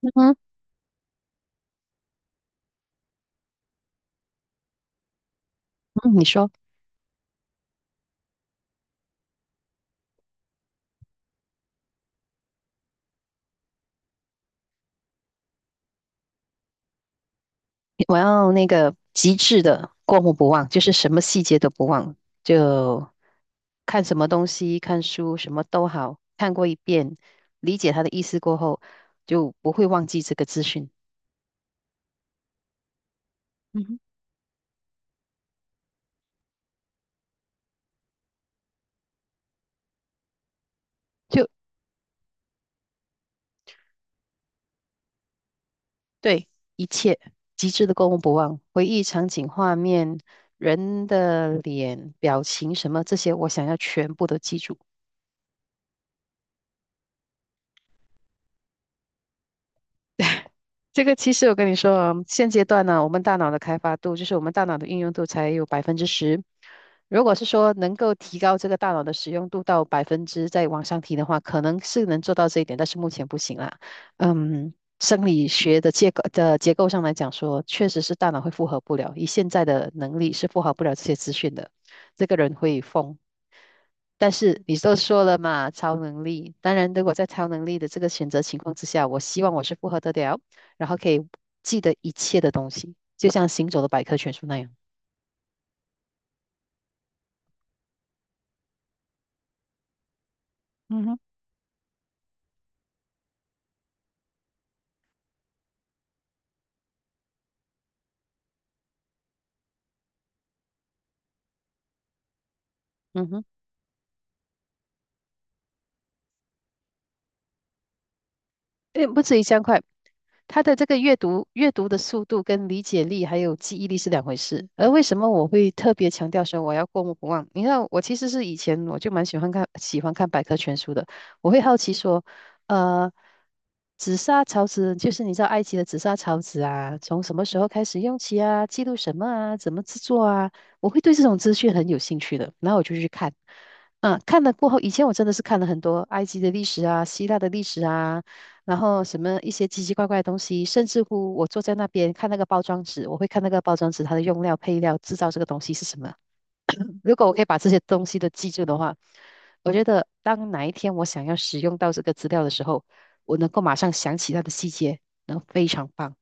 嗯嗯，你说，我要那个极致的过目不忘，就是什么细节都不忘，就看什么东西、看书什么都好，看过一遍，理解他的意思过后，就不会忘记这个资讯。嗯哼。就，对，一切极致的过目不忘，回忆场景、画面、人的脸、表情什么这些，我想要全部都记住。这个其实我跟你说啊，现阶段呢，我们大脑的开发度，就是我们大脑的运用度才有10%。如果是说能够提高这个大脑的使用度到百分之再往上提的话，可能是能做到这一点，但是目前不行啦。生理学的结构上来讲说，确实是大脑会负荷不了，以现在的能力是负荷不了这些资讯的，这个人会疯。但是你都说了嘛，超能力。当然，如果在超能力的这个选择情况之下，我希望我是复合得了，然后可以记得一切的东西，就像行走的百科全书那样。嗯哼。嗯哼。诶，不止1000块。他的这个阅读的速度跟理解力还有记忆力是两回事。而为什么我会特别强调说我要过目不忘？你看，我其实是以前我就蛮喜欢看百科全书的，我会好奇说，呃，紫砂陶瓷，就是你知道埃及的紫砂陶瓷啊，从什么时候开始用起啊，记录什么啊，怎么制作啊，我会对这种资讯很有兴趣的，然后我就去看。看了过后，以前我真的是看了很多埃及的历史啊、希腊的历史啊，然后什么一些奇奇怪怪的东西，甚至乎我坐在那边看那个包装纸，我会看那个包装纸它的用料、配料、制造这个东西是什么。如果我可以把这些东西都记住的话，我觉得当哪一天我想要使用到这个资料的时候，我能够马上想起它的细节，然后非常棒。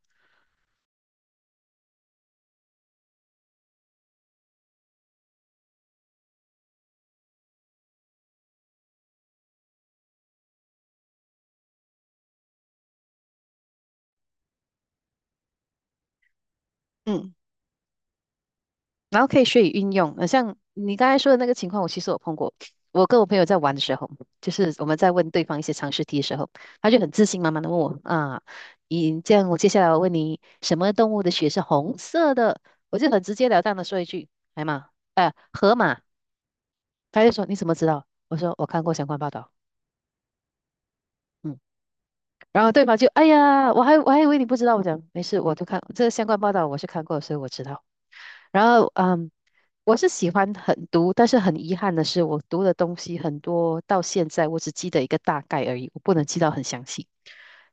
嗯。然后可以学以运用。像你刚才说的那个情况，我其实有碰过。我跟我朋友在玩的时候，就是我们在问对方一些常识题的时候，他就很自信满满的问我啊，你这样，我接下来我问你，什么动物的血是红色的？我就很直截了当的说一句，海马，河马。他就说你怎么知道？我说我看过相关报道。嗯。然后对方就哎呀，我还以为你不知道，我讲没事，我就看这个相关报道，我是看过，所以我知道。然后，我是喜欢很读，但是很遗憾的是，我读的东西很多，到现在我只记得一个大概而已，我不能记到很详细，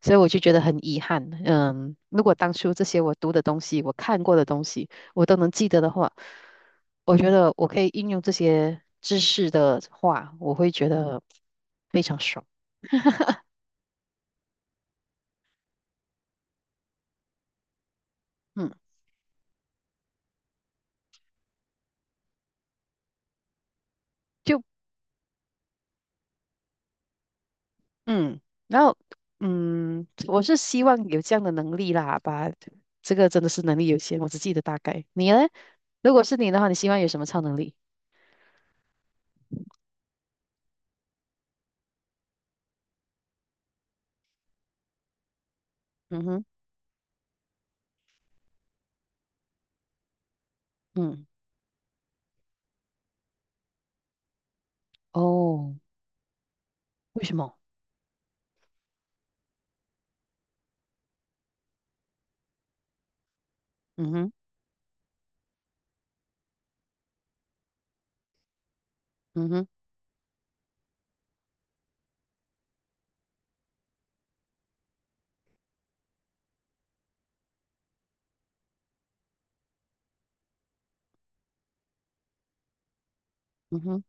所以我就觉得很遗憾。嗯，如果当初这些我读的东西，我看过的东西，我都能记得的话，我觉得我可以应用这些知识的话，我会觉得非常爽。嗯，就嗯，然后我是希望有这样的能力啦，把这个真的是能力有限，我只记得大概。你呢？如果是你的话，你希望有什么超能力？嗯哼。嗯。哦，为什么？嗯哼。嗯哼。嗯哼。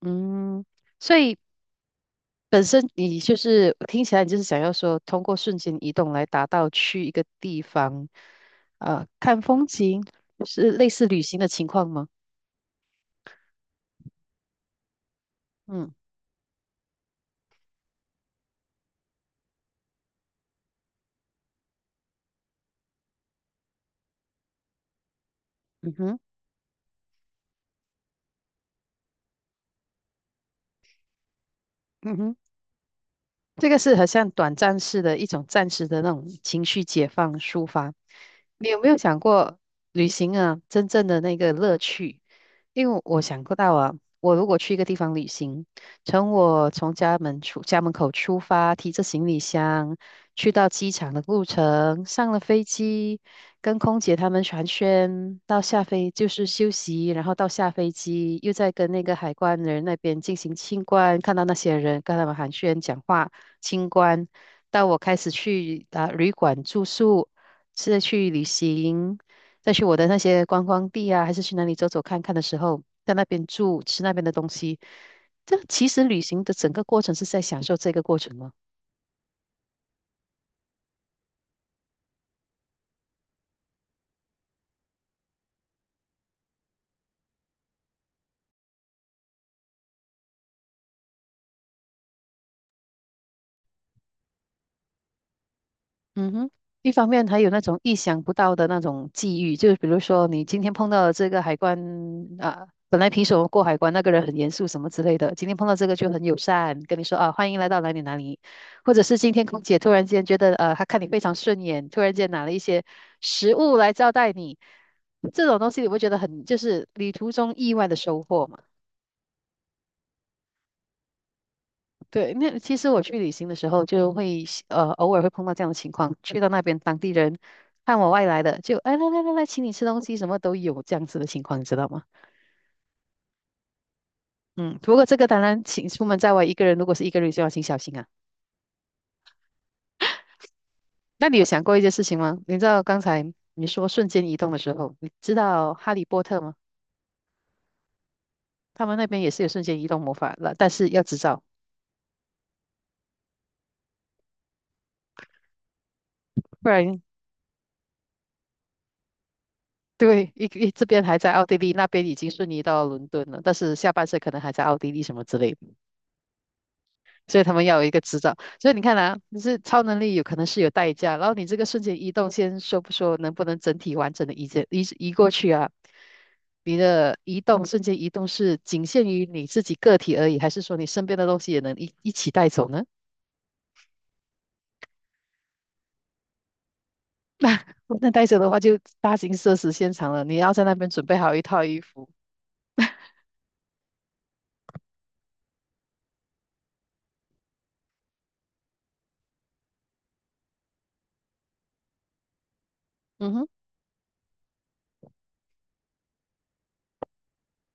嗯，所以本身你就是听起来你就是想要说，通过瞬间移动来达到去一个地方，看风景，是类似旅行的情况吗？嗯。嗯哼。嗯哼。这个是很像短暂式的一种暂时的那种情绪解放抒发。你有没有想过旅行啊，真正的那个乐趣？因为我想过到啊，我如果去一个地方旅行，从我从家门出家门口出发，提着行李箱去到机场的路程，上了飞机，跟空姐他们寒暄，到下飞就是休息，然后到下飞机又再跟那个海关人那边进行清关，看到那些人跟他们寒暄讲话。清关，到我开始去啊、旅馆住宿，是去旅行，再去我的那些观光地啊，还是去哪里走走看看的时候，在那边住，吃那边的东西。这其实旅行的整个过程是在享受这个过程吗？嗯哼。一方面还有那种意想不到的那种际遇，就是比如说你今天碰到了这个海关啊，本来平时我们过海关那个人很严肃什么之类的，今天碰到这个就很友善，跟你说啊欢迎来到哪里哪里，或者是今天空姐突然间觉得她看你非常顺眼，突然间拿了一些食物来招待你，这种东西你会觉得很就是旅途中意外的收获嘛？对，那其实我去旅行的时候，就会偶尔会碰到这样的情况，去到那边当地人看我外来的，就哎来来来来，请你吃东西，什么都有这样子的情况，你知道吗？嗯，不过这个当然，请出门在外一个人，如果是一个人就要请小心啊。那你有想过一件事情吗？你知道刚才你说瞬间移动的时候，你知道哈利波特吗？他们那边也是有瞬间移动魔法了，但是要执照，不然对，一这边还在奥地利，那边已经瞬移到伦敦了，但是下半身可能还在奥地利什么之类的。所以他们要有一个执照。所以你看啊，就是超能力有可能是有代价，然后你这个瞬间移动，先说不说能不能整体完整的移移过去啊？你的移动瞬间移动是仅限于你自己个体而已，还是说你身边的东西也能一起带走呢？那带走的话就大型社死现场了，你要在那边准备好一套衣服。嗯哼。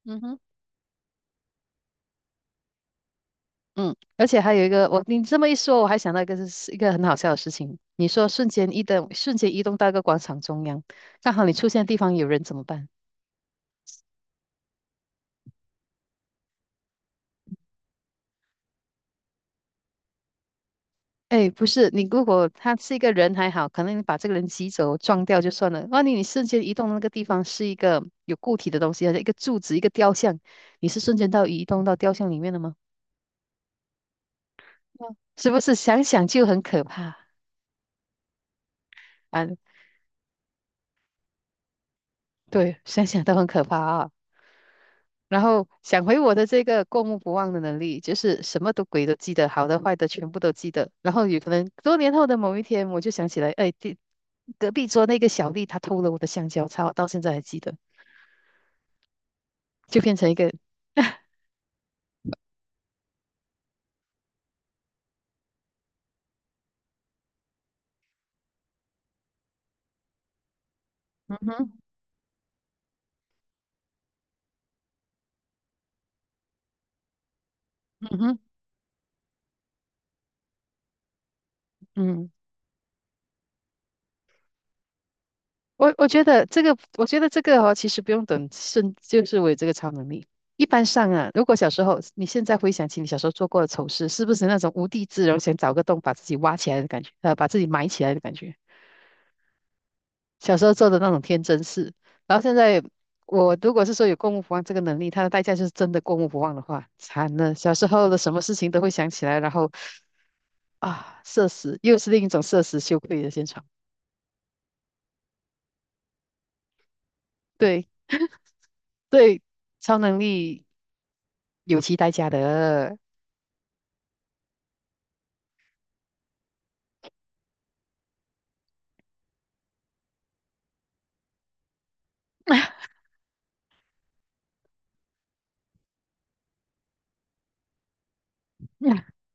嗯哼。嗯，而且还有一个，我你这么一说，我还想到一个是一个很好笑的事情。你说瞬间移动，瞬间移动到一个广场中央，刚好你出现的地方有人怎么办？哎，不是，你如果他是一个人还好，可能你把这个人挤走、撞掉就算了。万一你瞬间移动的那个地方是一个有固体的东西，好像一个柱子、一个雕像，你是瞬间到移动到雕像里面了吗？嗯是不是想想就很可怕啊？对，想想都很可怕啊。然后想回我的这个过目不忘的能力，就是什么都鬼都记得，好的坏的全部都记得。然后有可能多年后的某一天，我就想起来，哎，这隔壁桌那个小丽她偷了我的香蕉，她到现在还记得。就变成一个，嗯哼。嗯哼。嗯，我觉得这个，我觉得这个哦，其实不用等就是我有这个超能力。一般上啊，如果小时候，你现在回想起你小时候做过的丑事，是不是那种无地自容，想找个洞把自己挖起来的感觉，把自己埋起来的感觉？小时候做的那种天真事，然后现在我如果是说有过目不忘这个能力，它的代价就是真的过目不忘的话，惨了，小时候的什么事情都会想起来，然后啊，社死，又是另一种社死羞愧的现场。对。对，超能力有其代价的。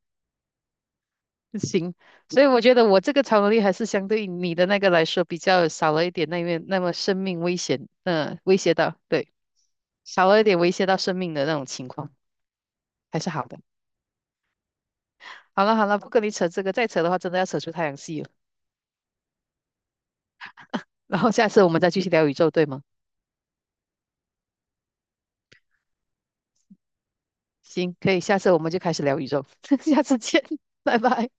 行，所以我觉得我这个超能力还是相对于你的那个来说比较少了一点那面那么生命危险，威胁到，对，少了一点威胁到生命的那种情况，还是好的。好了好了，不跟你扯这个，再扯的话真的要扯出太阳系了。然后下次我们再继续聊宇宙，对吗？行，可以，下次我们就开始聊宇宙，下次见，拜拜。